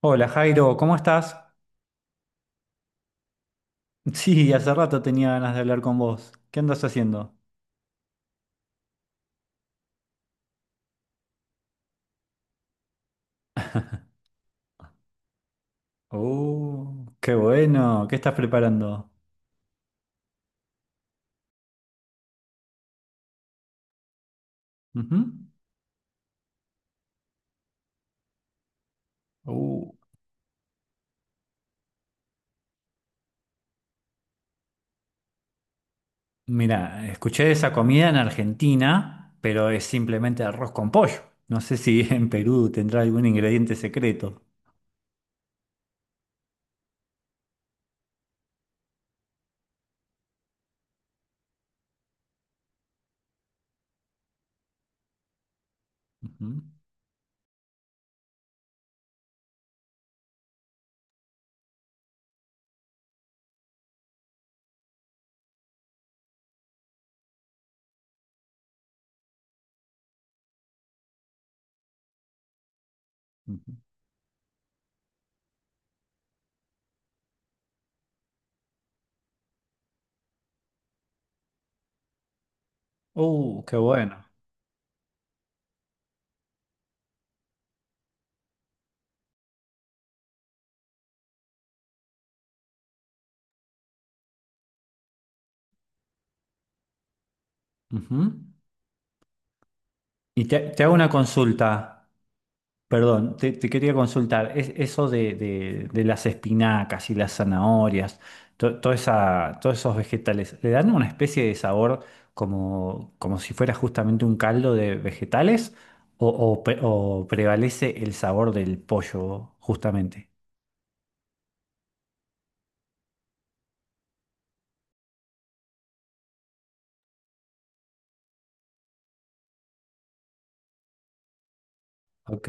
Hola Jairo, ¿cómo estás? Sí, hace rato tenía ganas de hablar con vos. ¿Qué andas haciendo? Oh, qué bueno. ¿Qué estás preparando? Ujú. Uh, Mira, escuché esa comida en Argentina, pero es simplemente arroz con pollo. No sé si en Perú tendrá algún ingrediente secreto. Ujú, ujú. Qué bueno. Ujú. Te hago una consulta. Perdón, te quería consultar, es, eso de las espinacas y las zanahorias, todos esos vegetales, ¿le dan una especie de sabor como, como si fuera justamente un caldo de vegetales o, o prevalece el sabor del pollo justamente? Ok,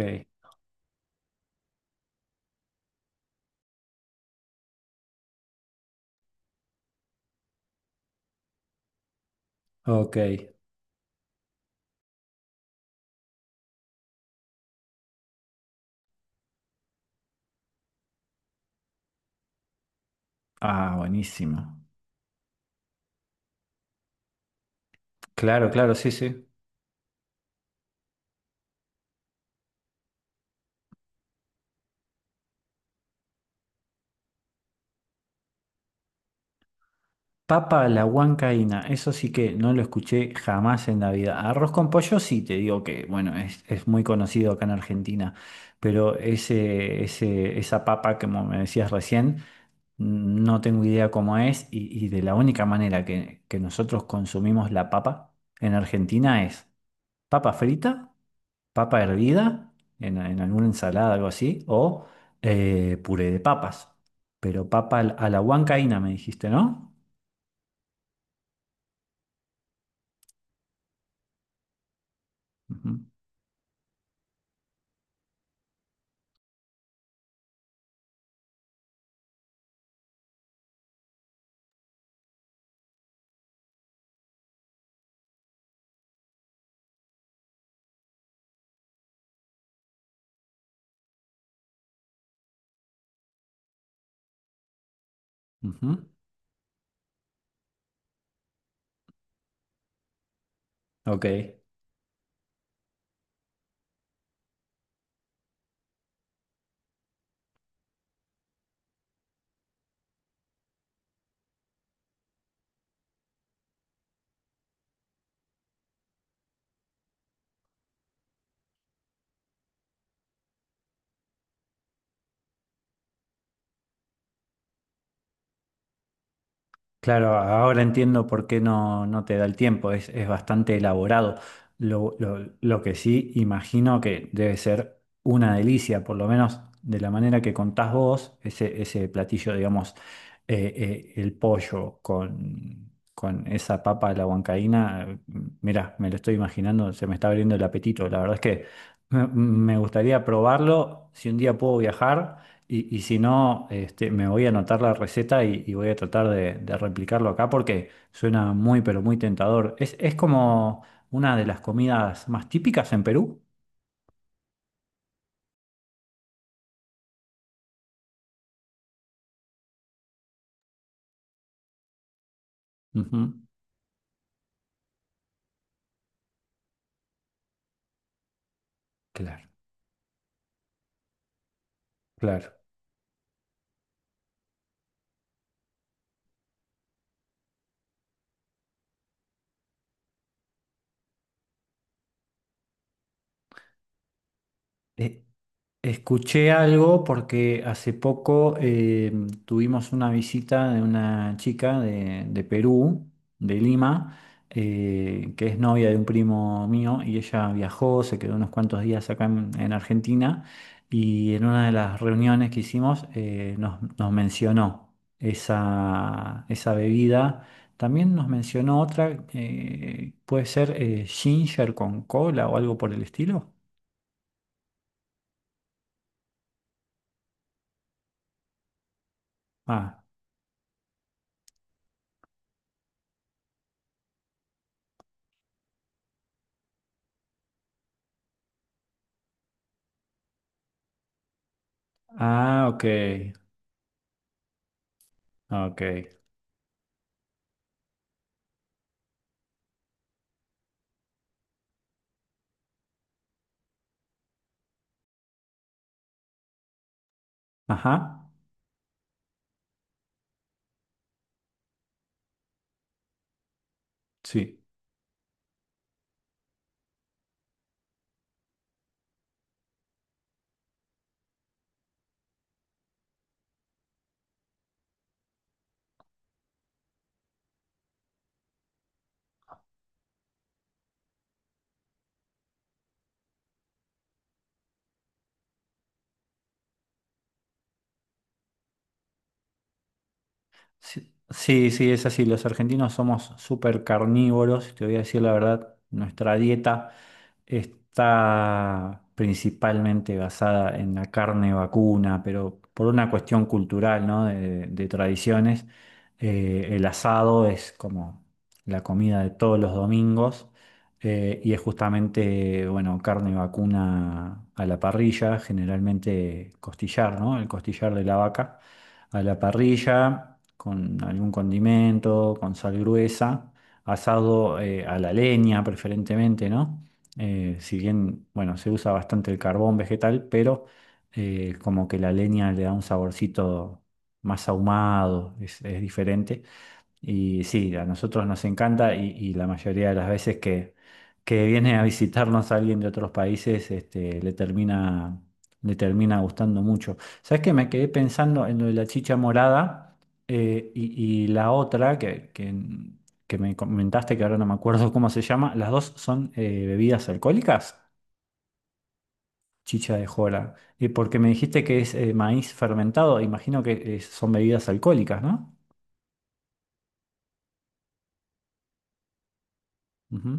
ok. Ah, buenísimo. Claro, claro, sí, sí. Papa a la huancaína, eso sí que no lo escuché jamás en la vida. Arroz con pollo sí, te digo que, bueno, es muy conocido acá en Argentina, pero ese, esa papa, como me decías recién, no tengo idea cómo es y de la única manera que nosotros consumimos la papa en Argentina es papa frita, papa hervida, en alguna ensalada, algo así, o puré de papas. Pero papa a la huancaína me dijiste, ¿no? Ujú, ujú. Ok, claro, ahora entiendo por qué no, no te da el tiempo, es bastante elaborado. Lo que sí imagino que debe ser una delicia, por lo menos de la manera que contás vos, ese platillo, digamos, el pollo con esa papa de la huancaína. Mira, me lo estoy imaginando, se me está abriendo el apetito, la verdad es que me gustaría probarlo, si un día puedo viajar. Y si no, este, me voy a anotar la receta y voy a tratar de replicarlo acá porque suena muy, pero muy tentador. Es como una de las comidas más típicas en Perú. Ujú, claro, claro. Eh, escuché algo porque hace poco tuvimos una visita de una chica de Perú, de Lima, que es novia de un primo mío y ella viajó, se quedó unos cuantos días acá en Argentina y en una de las reuniones que hicimos nos, nos mencionó esa, esa bebida. También nos mencionó otra, puede ser ginger con cola o algo por el estilo. Ah, ah, ok. Ok. Ajá. Sí. Sí, sí, sí, es así. Los argentinos somos súper carnívoros, te voy a decir la verdad. Nuestra dieta está principalmente basada en la carne vacuna, pero por una cuestión cultural, ¿no? De tradiciones. El asado es como la comida de todos los domingos y es justamente, bueno, carne vacuna a la parrilla, generalmente costillar, ¿no? El costillar de la vaca a la parrilla con algún condimento, con sal gruesa, asado a la leña preferentemente, ¿no? Si bien, bueno, se usa bastante el carbón vegetal, pero como que la leña le da un saborcito más ahumado, es diferente. Y sí, a nosotros nos encanta y la mayoría de las veces que viene a visitarnos alguien de otros países, este, le termina gustando mucho. ¿Sabes qué? Me quedé pensando en lo de la chicha morada y la otra que me comentaste, que ahora no me acuerdo cómo se llama, las dos son bebidas alcohólicas, chicha de jora. Y porque me dijiste que es maíz fermentado, imagino que son bebidas alcohólicas, ¿no? Ujú,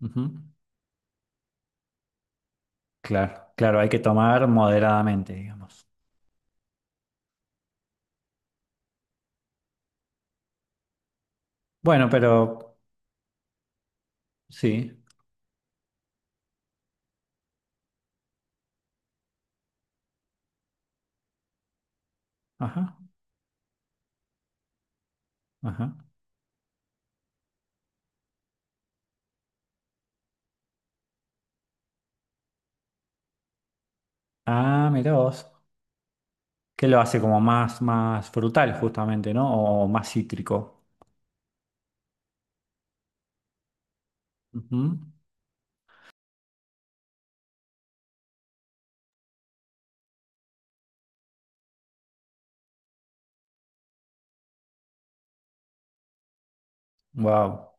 ujú. Claro, claro, hay que tomar moderadamente, digamos. Bueno, pero sí, ajá, ajá. Ah, mirá vos, que lo hace como más, más frutal justamente, ¿no? O más cítrico. Wow.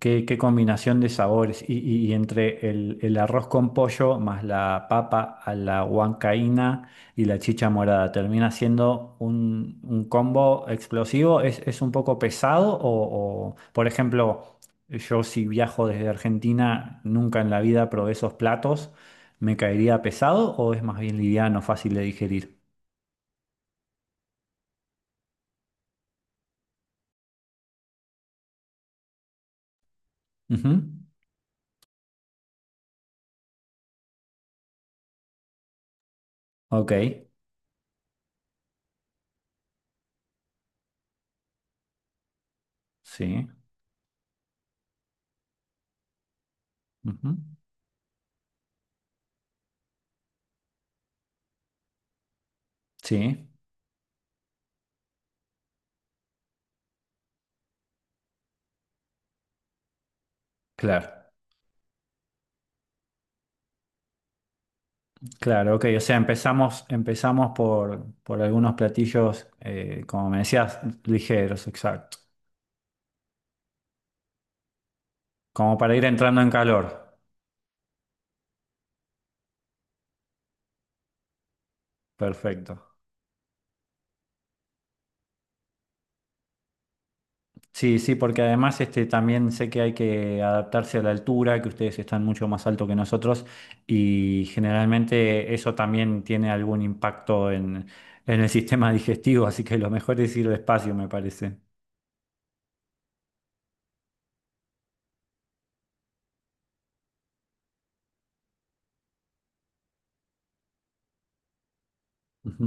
Qué, qué combinación de sabores. Y entre el arroz con pollo más la papa a la huancaína y la chicha morada, termina siendo un combo explosivo. Es un poco pesado? O, por ejemplo, yo si viajo desde Argentina, nunca en la vida probé esos platos. ¿Me caería pesado o es más bien liviano, fácil de digerir? Ujú. Ok, sí. Ujú. Sí, claro. Claro, ok, o sea, empezamos, empezamos por algunos platillos, como me decías, ligeros, exacto. Como para ir entrando en calor. Perfecto. Sí, sí, porque además este, también sé que hay que adaptarse a la altura, que ustedes están mucho más alto que nosotros y generalmente eso también tiene algún impacto en el sistema digestivo, así que lo mejor es ir despacio, me parece. Ujú,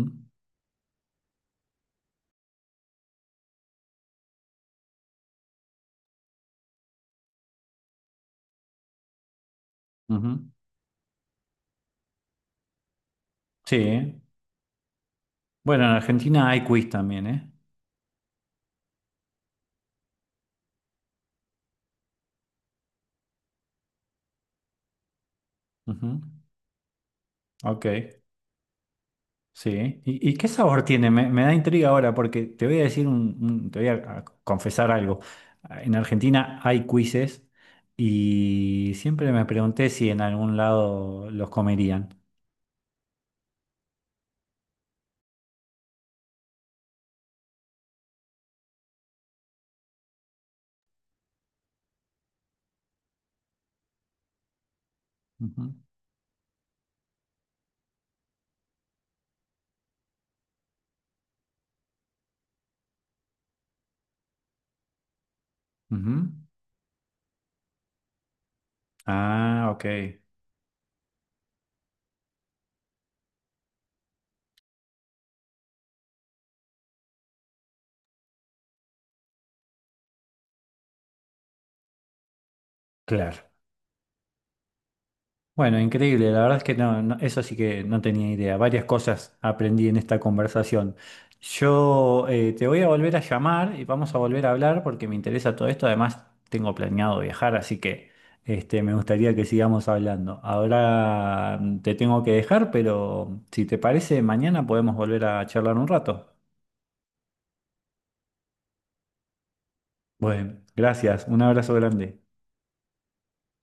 ujú. Sí. ¿Eh? Bueno, en Argentina hay quiz también, ¿eh? Ujú. Ok. Sí, ¿y, y qué sabor tiene? Me da intriga ahora porque te voy a decir un, te voy a confesar algo. En Argentina hay quizzes y siempre me pregunté si en algún lado los comerían. Ujú, ujú. Ah, ok. Claro. Bueno, increíble, la verdad es que eso sí que no tenía idea. Varias cosas aprendí en esta conversación. Yo te voy a volver a llamar y vamos a volver a hablar porque me interesa todo esto. Además, tengo planeado viajar, así que este, me gustaría que sigamos hablando. Ahora te tengo que dejar, pero si te parece, mañana podemos volver a charlar un rato. Bueno, gracias, un abrazo grande.